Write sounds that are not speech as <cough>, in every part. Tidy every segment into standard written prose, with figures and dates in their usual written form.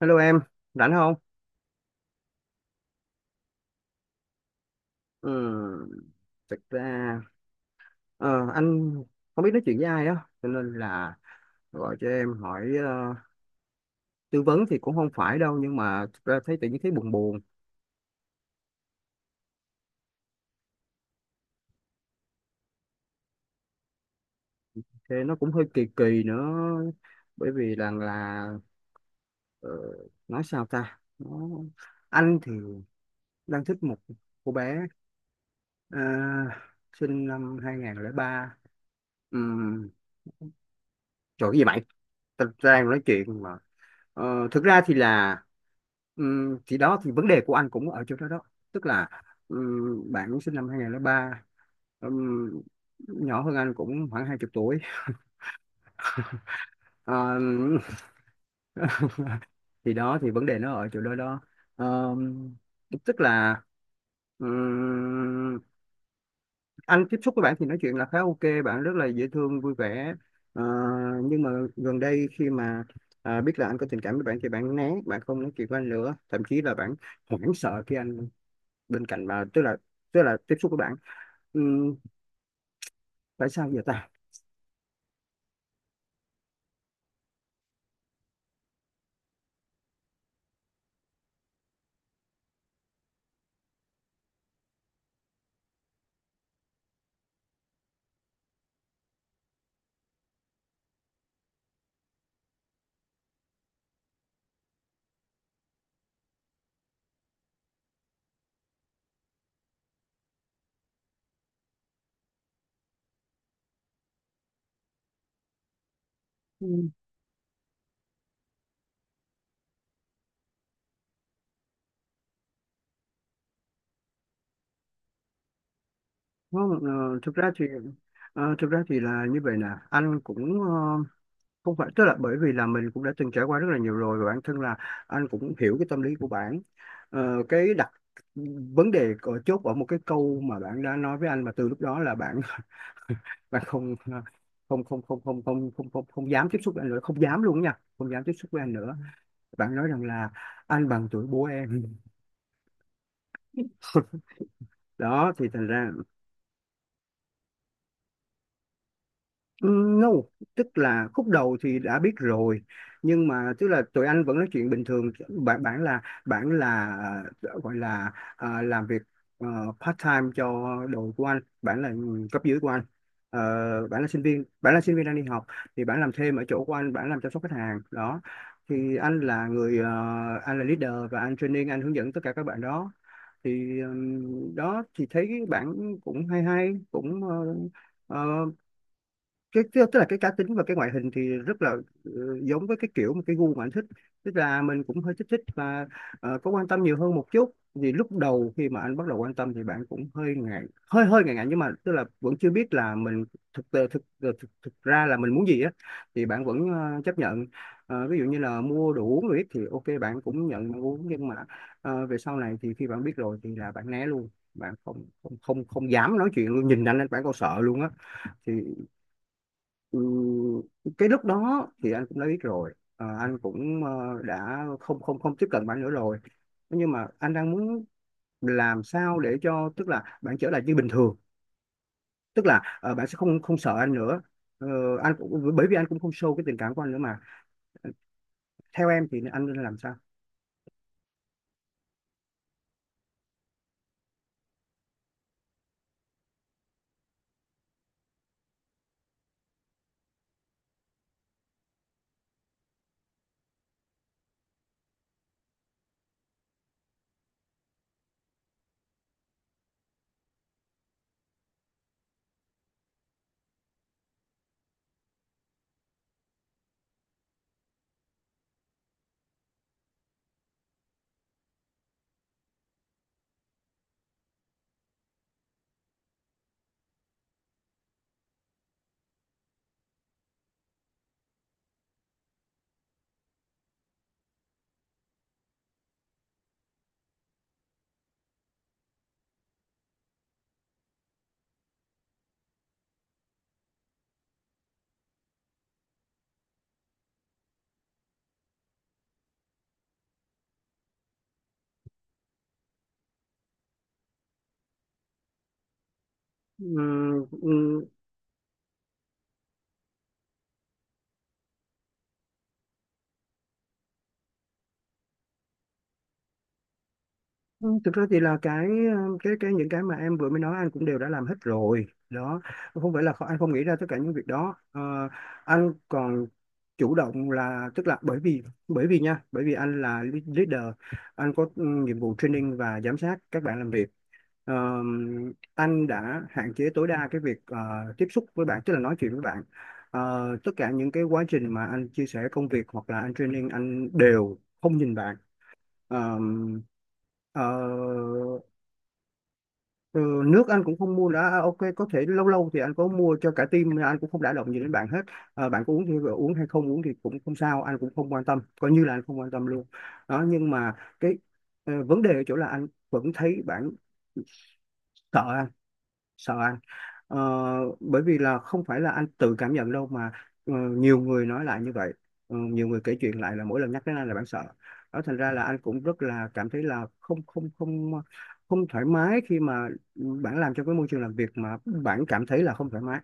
Hello em, rảnh không? Ừ, thực ra anh không biết nói chuyện với ai á, cho nên là gọi cho em hỏi, tư vấn thì cũng không phải đâu, nhưng mà thực ra thấy tự nhiên thấy buồn buồn, thì nó cũng hơi kỳ kỳ nữa, bởi vì là ờ, nói sao ta, nó, anh thì đang thích một cô bé, ờ, sinh năm 2003. um, Trời cái gì mày, tao đang nói chuyện mà. Ờ, thực ra thì là thì đó thì vấn đề của anh cũng ở chỗ đó đó, tức là bạn cũng sinh năm 2003, ừm, nhỏ hơn anh cũng khoảng 20 tuổi. Ờ, <laughs> thì đó thì vấn đề nó ở chỗ đó đó. Ờ, tức là ừm, anh tiếp xúc với bạn thì nói chuyện là khá ok, bạn rất là dễ thương vui vẻ. Ờ, nhưng mà gần đây khi mà à, biết là anh có tình cảm với bạn thì bạn né, bạn không nói chuyện với anh nữa, thậm chí là bạn hoảng sợ khi anh bên cạnh bà, tức là tiếp xúc với bạn. Ừm, tại sao vậy ta? Ừm, nó, thực ra thì thực ra thì là như vậy nè. Anh cũng không phải, tức là bởi vì là mình cũng đã từng trải qua rất là nhiều rồi, và bản thân là anh cũng hiểu cái tâm lý của bạn. Ờ, cái đặc vấn đề ở chốt ở một cái câu mà bạn đã nói với anh mà từ lúc đó là bạn <laughs> bạn không không không không không không không không dám tiếp xúc với anh nữa, không dám luôn nha, không dám tiếp xúc với anh nữa. Bạn nói rằng là anh bằng tuổi bố em, đó thì thành ra. No, tức là khúc đầu thì đã biết rồi, nhưng mà tức là tụi anh vẫn nói chuyện bình thường. Bạn bạn là, bạn là, gọi là, làm việc ờ, part time cho đội của anh, bạn là cấp dưới của anh. Ờ, bạn là sinh viên, bạn là sinh viên đang đi học, thì bạn làm thêm ở chỗ của anh, bạn làm chăm sóc khách hàng đó. Thì anh là người, anh là leader và anh training, anh hướng dẫn tất cả các bạn đó. Thì đó thì thấy bạn cũng hay hay, cũng ờ, cái tức là cái cá tính và cái ngoại hình thì rất là, ờ, giống với cái kiểu mà cái gu mà anh thích. Tức là mình cũng hơi thích thích và có quan tâm nhiều hơn một chút, vì lúc đầu khi mà anh bắt đầu quan tâm thì bạn cũng hơi ngại, hơi hơi ngại ngại, nhưng mà tức là vẫn chưa biết là mình thực thực thực, ờ, thực, thực ra là mình muốn gì á, thì bạn vẫn chấp nhận. Ờ, ví dụ như là mua đồ uống rồi ít thì ok, bạn cũng nhận, bạn uống, nhưng mà về sau này thì khi bạn biết rồi thì là bạn né luôn, bạn không không không không dám nói chuyện luôn, nhìn anh là bạn còn sợ luôn á. Thì Ừ, cái lúc đó thì anh cũng đã biết rồi. Ờ, anh cũng đã không không không tiếp cận bạn nữa rồi, nhưng mà anh đang muốn làm sao để cho, tức là bạn trở lại như bình thường, tức là bạn sẽ không không sợ anh nữa. Ờ, anh cũng bởi vì anh cũng không show cái tình cảm của anh nữa mà, theo em thì anh nên làm sao? Ừ, ừ, Ừ, thực ra thì là cái cái những cái mà em vừa mới nói anh cũng đều đã làm hết rồi đó. Không phải là kho- anh không nghĩ ra tất cả những việc đó. Ờ, anh còn chủ động, là tức là bởi vì nha, bởi vì anh là leader, anh có, ừ, nhiệm vụ training và giám sát các bạn làm việc. Ờ, anh đã hạn chế tối đa cái việc, tiếp xúc với bạn, tức là nói chuyện với bạn. Ờ, tất cả những cái quá trình mà anh chia sẻ công việc hoặc là anh training, anh đều không nhìn bạn. Ờ, Ờ, Ừ, nước anh cũng không mua đã, à, ok có thể lâu lâu thì anh có mua cho cả team, nhưng anh cũng không đả động gì đến bạn hết. À, bạn có uống thì uống, hay không uống thì cũng không sao, anh cũng không quan tâm, coi như là anh không quan tâm luôn đó. Nhưng mà cái, vấn đề ở chỗ là anh vẫn thấy bạn sợ, sợ ăn. Ờ, bởi vì là không phải là anh tự cảm nhận đâu mà, nhiều người nói lại như vậy. Ờ, nhiều người kể chuyện lại là mỗi lần nhắc đến anh là bạn sợ, đó thành ra là anh cũng rất là cảm thấy là không không thoải mái khi mà bạn làm trong cái môi trường làm việc mà bạn cảm thấy là không thoải mái.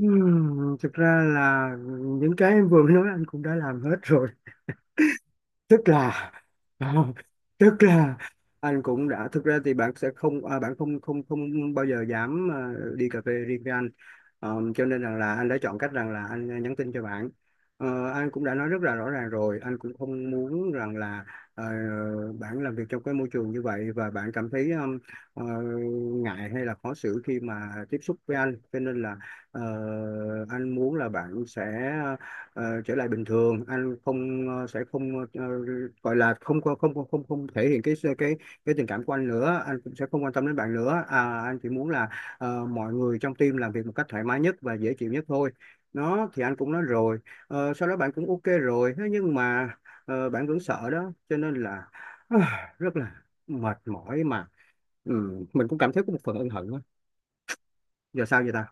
Thực ra là những cái em vừa mới nói anh cũng đã làm hết rồi, tức là <laughs> tức là anh cũng đã, thực ra thì bạn sẽ không à, bạn không không không bao giờ dám à, đi cà phê riêng với anh. Ờ, cho nên rằng là anh đã chọn cách rằng là anh à, nhắn tin cho bạn. Ờ, anh cũng đã nói rất là rõ ràng rồi, anh cũng không muốn rằng là ờ, bạn làm việc trong cái môi trường như vậy và bạn cảm thấy ờ, ngại hay là khó xử khi mà tiếp xúc với anh, cho nên là ờ, anh muốn là bạn sẽ trở lại bình thường, anh không ờ, sẽ không ờ, ờ, gọi là không có- không không không không thể hiện cái cái tình cảm của anh nữa, anh cũng sẽ không quan tâm đến bạn nữa à, anh chỉ muốn là mọi người trong team làm việc một cách thoải mái nhất và dễ chịu nhất thôi. Nó thì anh cũng nói rồi. Ờ, sau đó bạn cũng ok rồi, thế nhưng mà bạn vẫn sợ đó, cho nên là <sighs> rất là mệt mỏi mà. Ừ, mình cũng cảm thấy có một phần ân hận á. Giờ sao vậy ta?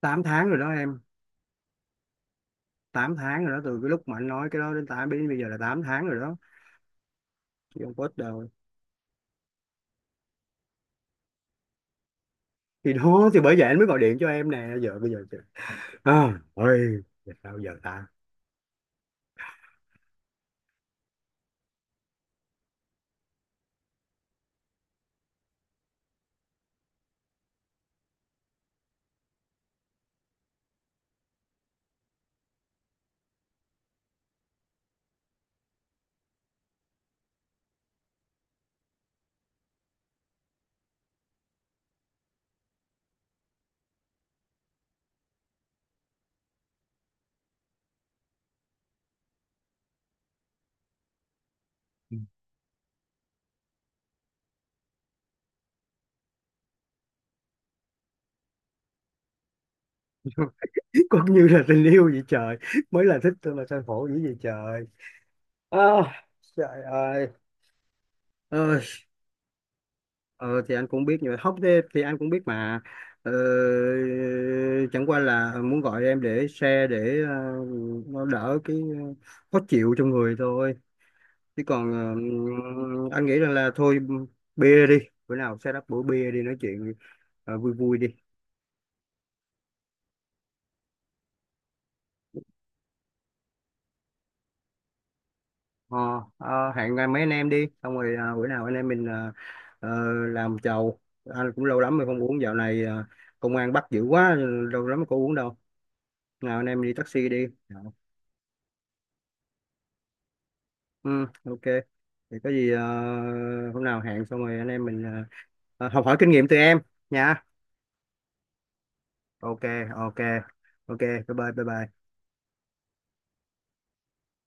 8 tháng rồi đó em, 8 tháng rồi đó, từ cái lúc mà anh nói cái đó đến 8, đến bây giờ là 8 tháng rồi đó. Chị không post đâu. Thì đó thì bởi vậy anh mới gọi điện cho em nè, giờ bây giờ chị- à ôi, giờ sao giờ ta? <laughs> Cũng như là tình yêu vậy trời, mới là thích tôi mà sao khổ dữ vậy trời. À, trời ơi. Ôi, ờ, thì anh cũng biết, nhưng mà hóc thế thì anh cũng biết mà, ờ, chẳng qua là muốn gọi em để share, để nó đỡ cái, khó chịu trong người thôi, chứ còn anh nghĩ rằng là thôi, bia đi, bữa nào set up bữa bia đi nói chuyện. Ờ, vui vui đi. Ờ, hẹn mấy anh em đi xong rồi bữa nào anh em mình ờ, làm chầu. Anh cũng lâu lắm rồi không uống, dạo này công an bắt dữ quá, lâu lắm có uống đâu. Nào anh em đi taxi đi, ừ, ok. Thì có gì, hôm nào hẹn xong rồi anh em mình, học hỏi kinh nghiệm từ em nha. Ok, ok, ok, bye bye bye bye.